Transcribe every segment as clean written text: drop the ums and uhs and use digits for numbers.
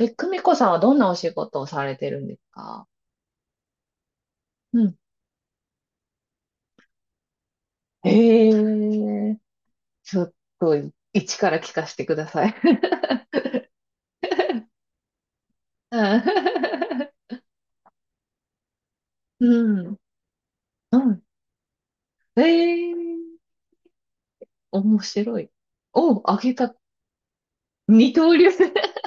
え、久美子さんはどんなお仕事をされてるんですか？うん。ええ、ちょっと、一から聞かせてください。うん。うん。ええ、面白い。お、あげた。二刀流。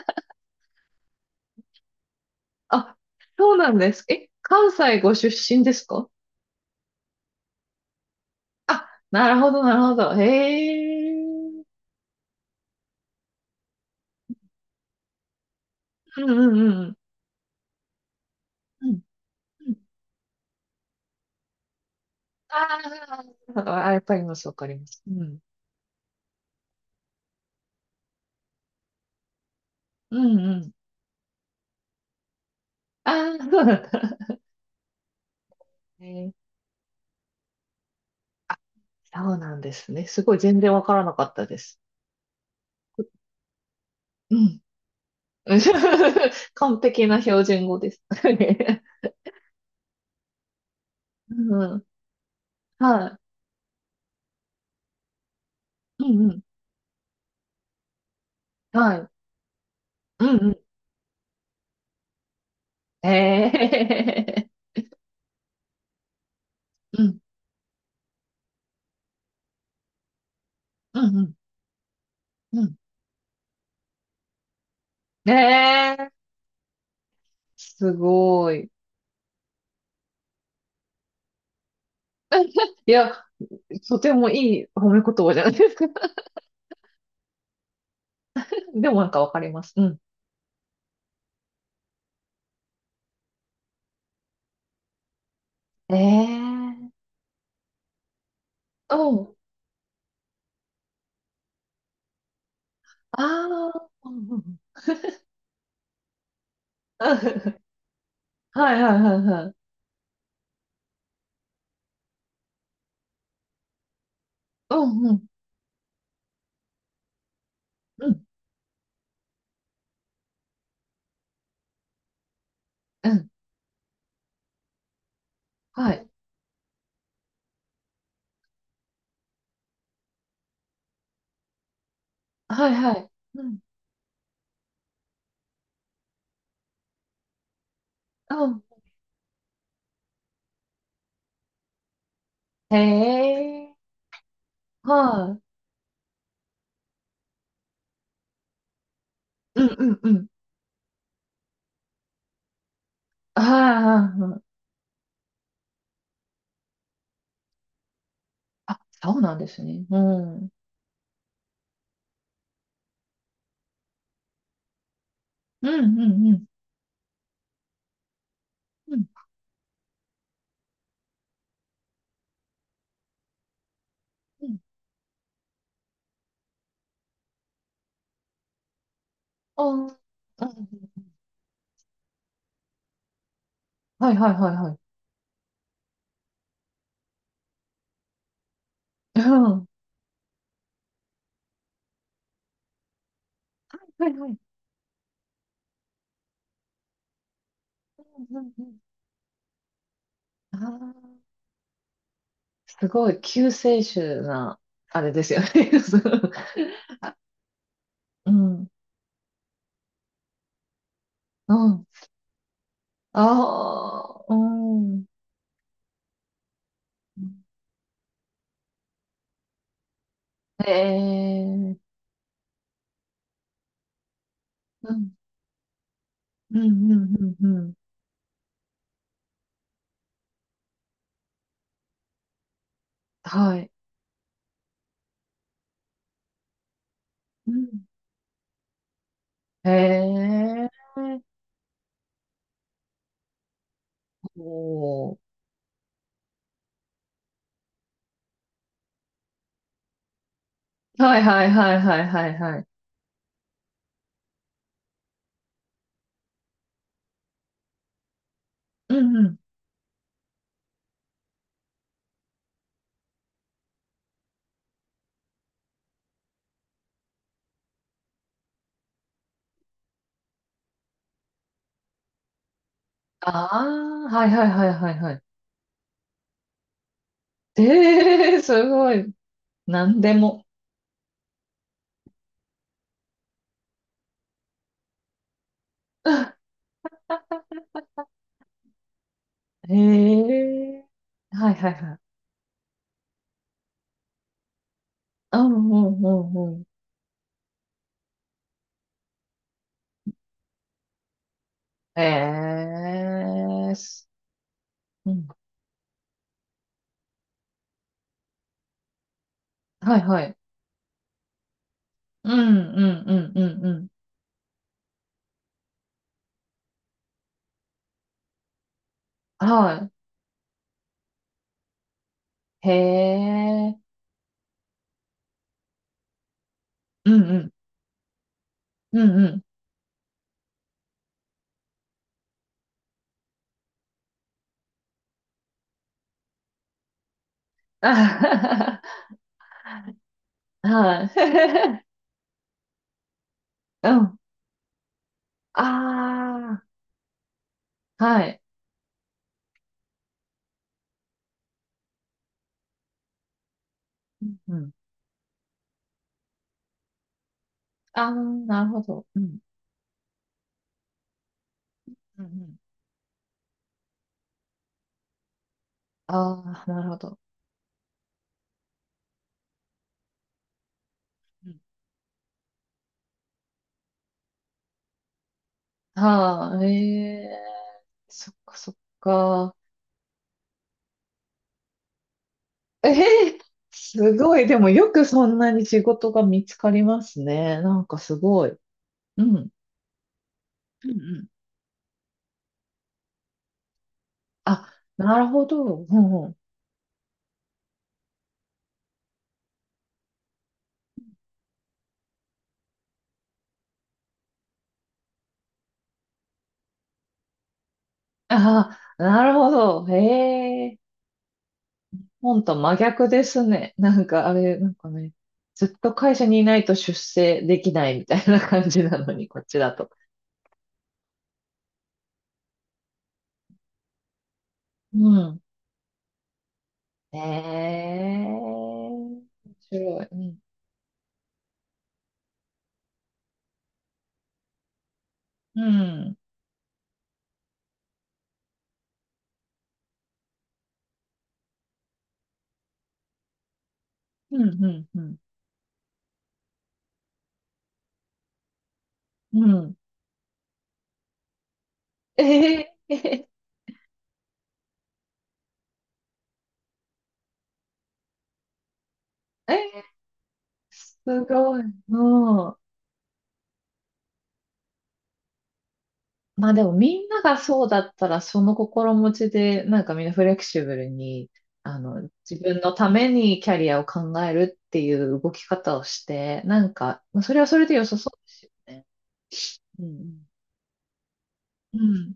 あ、そうなんです。え、関西ご出身ですか？あ、なるほど、なるほど。へえ。うんうんうん。うんうん。あーあ、やっぱりもそうわかります。うん。うんうん。ああ、そうなんだ。へー、そうなんですね。すごい全然わからなかったです。うん。完璧な標準語です。うん。はい。うんうん。はい。うんうん。えー。うん。うんうん。うん。えー。すごい。いや、とてもいい褒め言葉じゃないですか。でもなんかわかります。うん。えー。おう。ああ。うんうん。はいはいはいはい。うんうん。うんうん。はい。はいはい。うんうん。へえ。はい。うんうんうん。はいはいはい。あ、そうなんですね。うん。うんうんうん。うんうん。あー、うんうん。はいはいはいはい。うん。はいはい。うんうんうん。ああ、すごい救世主な、あれですよね。そう。うん。うん。ああ、うん。へえ。うんうんうんうんうん。はい。うん。へえ。おー。はいはいはいはいはいはい。うんうん。ああ、はいはいはいはいはい。ええ、すごい。なんでも。ええ、はいはいはい。うんうんうんうん。ええ、す、うん。はいはい。うんうんうんうんうん。はい。へえ。うんうん。うんうん。あははは、はい。うん。ああ、はい。うん。ああ、なるほど。うん。うんうん。ああ、なるほど。うん。ああ。ええ、そっかそっか。ええ、すごい。でもよくそんなに仕事が見つかりますね。なんかすごい。うん。うんうん。あ、なるほど。うんうん。ああ、なるほど。ええ、本当真逆ですね。なんかあれ、なんかね、ずっと会社にいないと出世できないみたいな感じなのに、こっちだと。うん。ええ、面白い。うん。うん、うん、うん、うん。うん。ええ、ええ、すごい。うん。まあでもみんながそうだったら、その心持ちで、なんかみんなフレキシブルに、あの、自分のためにキャリアを考えるっていう動き方をして、なんか、まあそれはそれで良さそうですよね。うん、うん、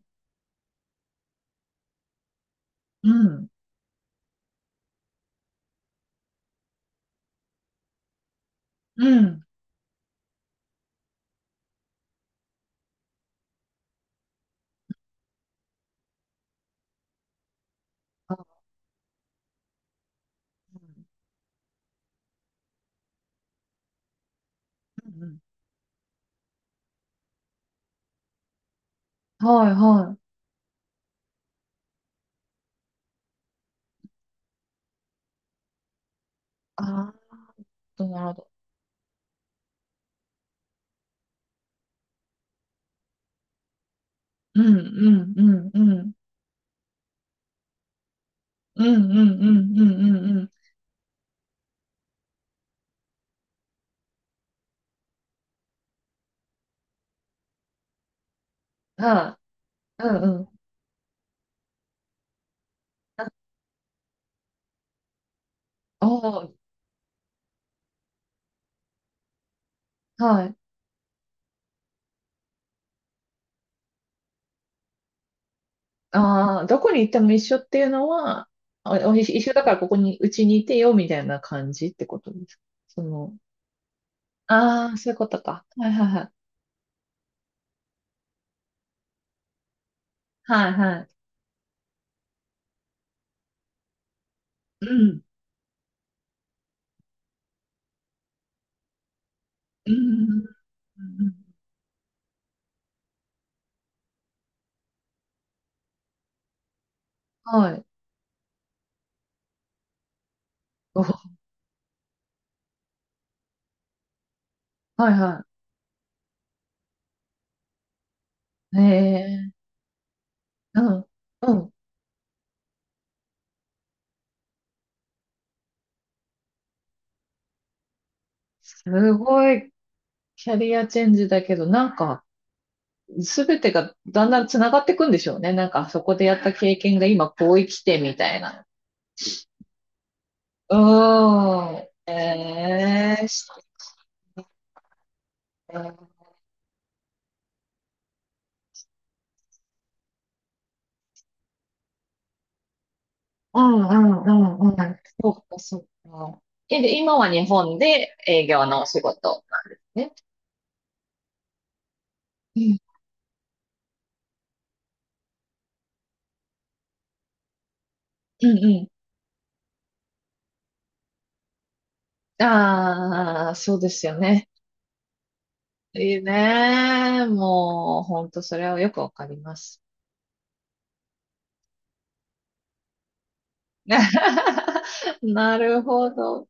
うん、うん。うん。あ、うんうん。はい、はい。ああ、なるほど。うんうんうんうんうんうん。うんうんうんうん。はい。うんうん。あ、おー、はい。ああ、どこに行っても一緒っていうのは、あおい一緒だからここに、うちにいてよみたいな感じってことですか？その、ああ、そういうことか。はいはいはい。はいはい。うん。うん。うんうん。はい。お、はいはい。へえ。うん。うん。すごいキャリアチェンジだけど、なんか、すべてがだんだん繋がっていくんでしょうね。なんか、そこでやった経験が今こう生きてみたいな。うーん。ええ、して。うんうんうんうん。そうかそうか。え、で、今は日本で営業のお仕事、ね。うん。うんうん。ああ、そうですよね。いいね。もう、ほんとそれはよくわかります。なるほど。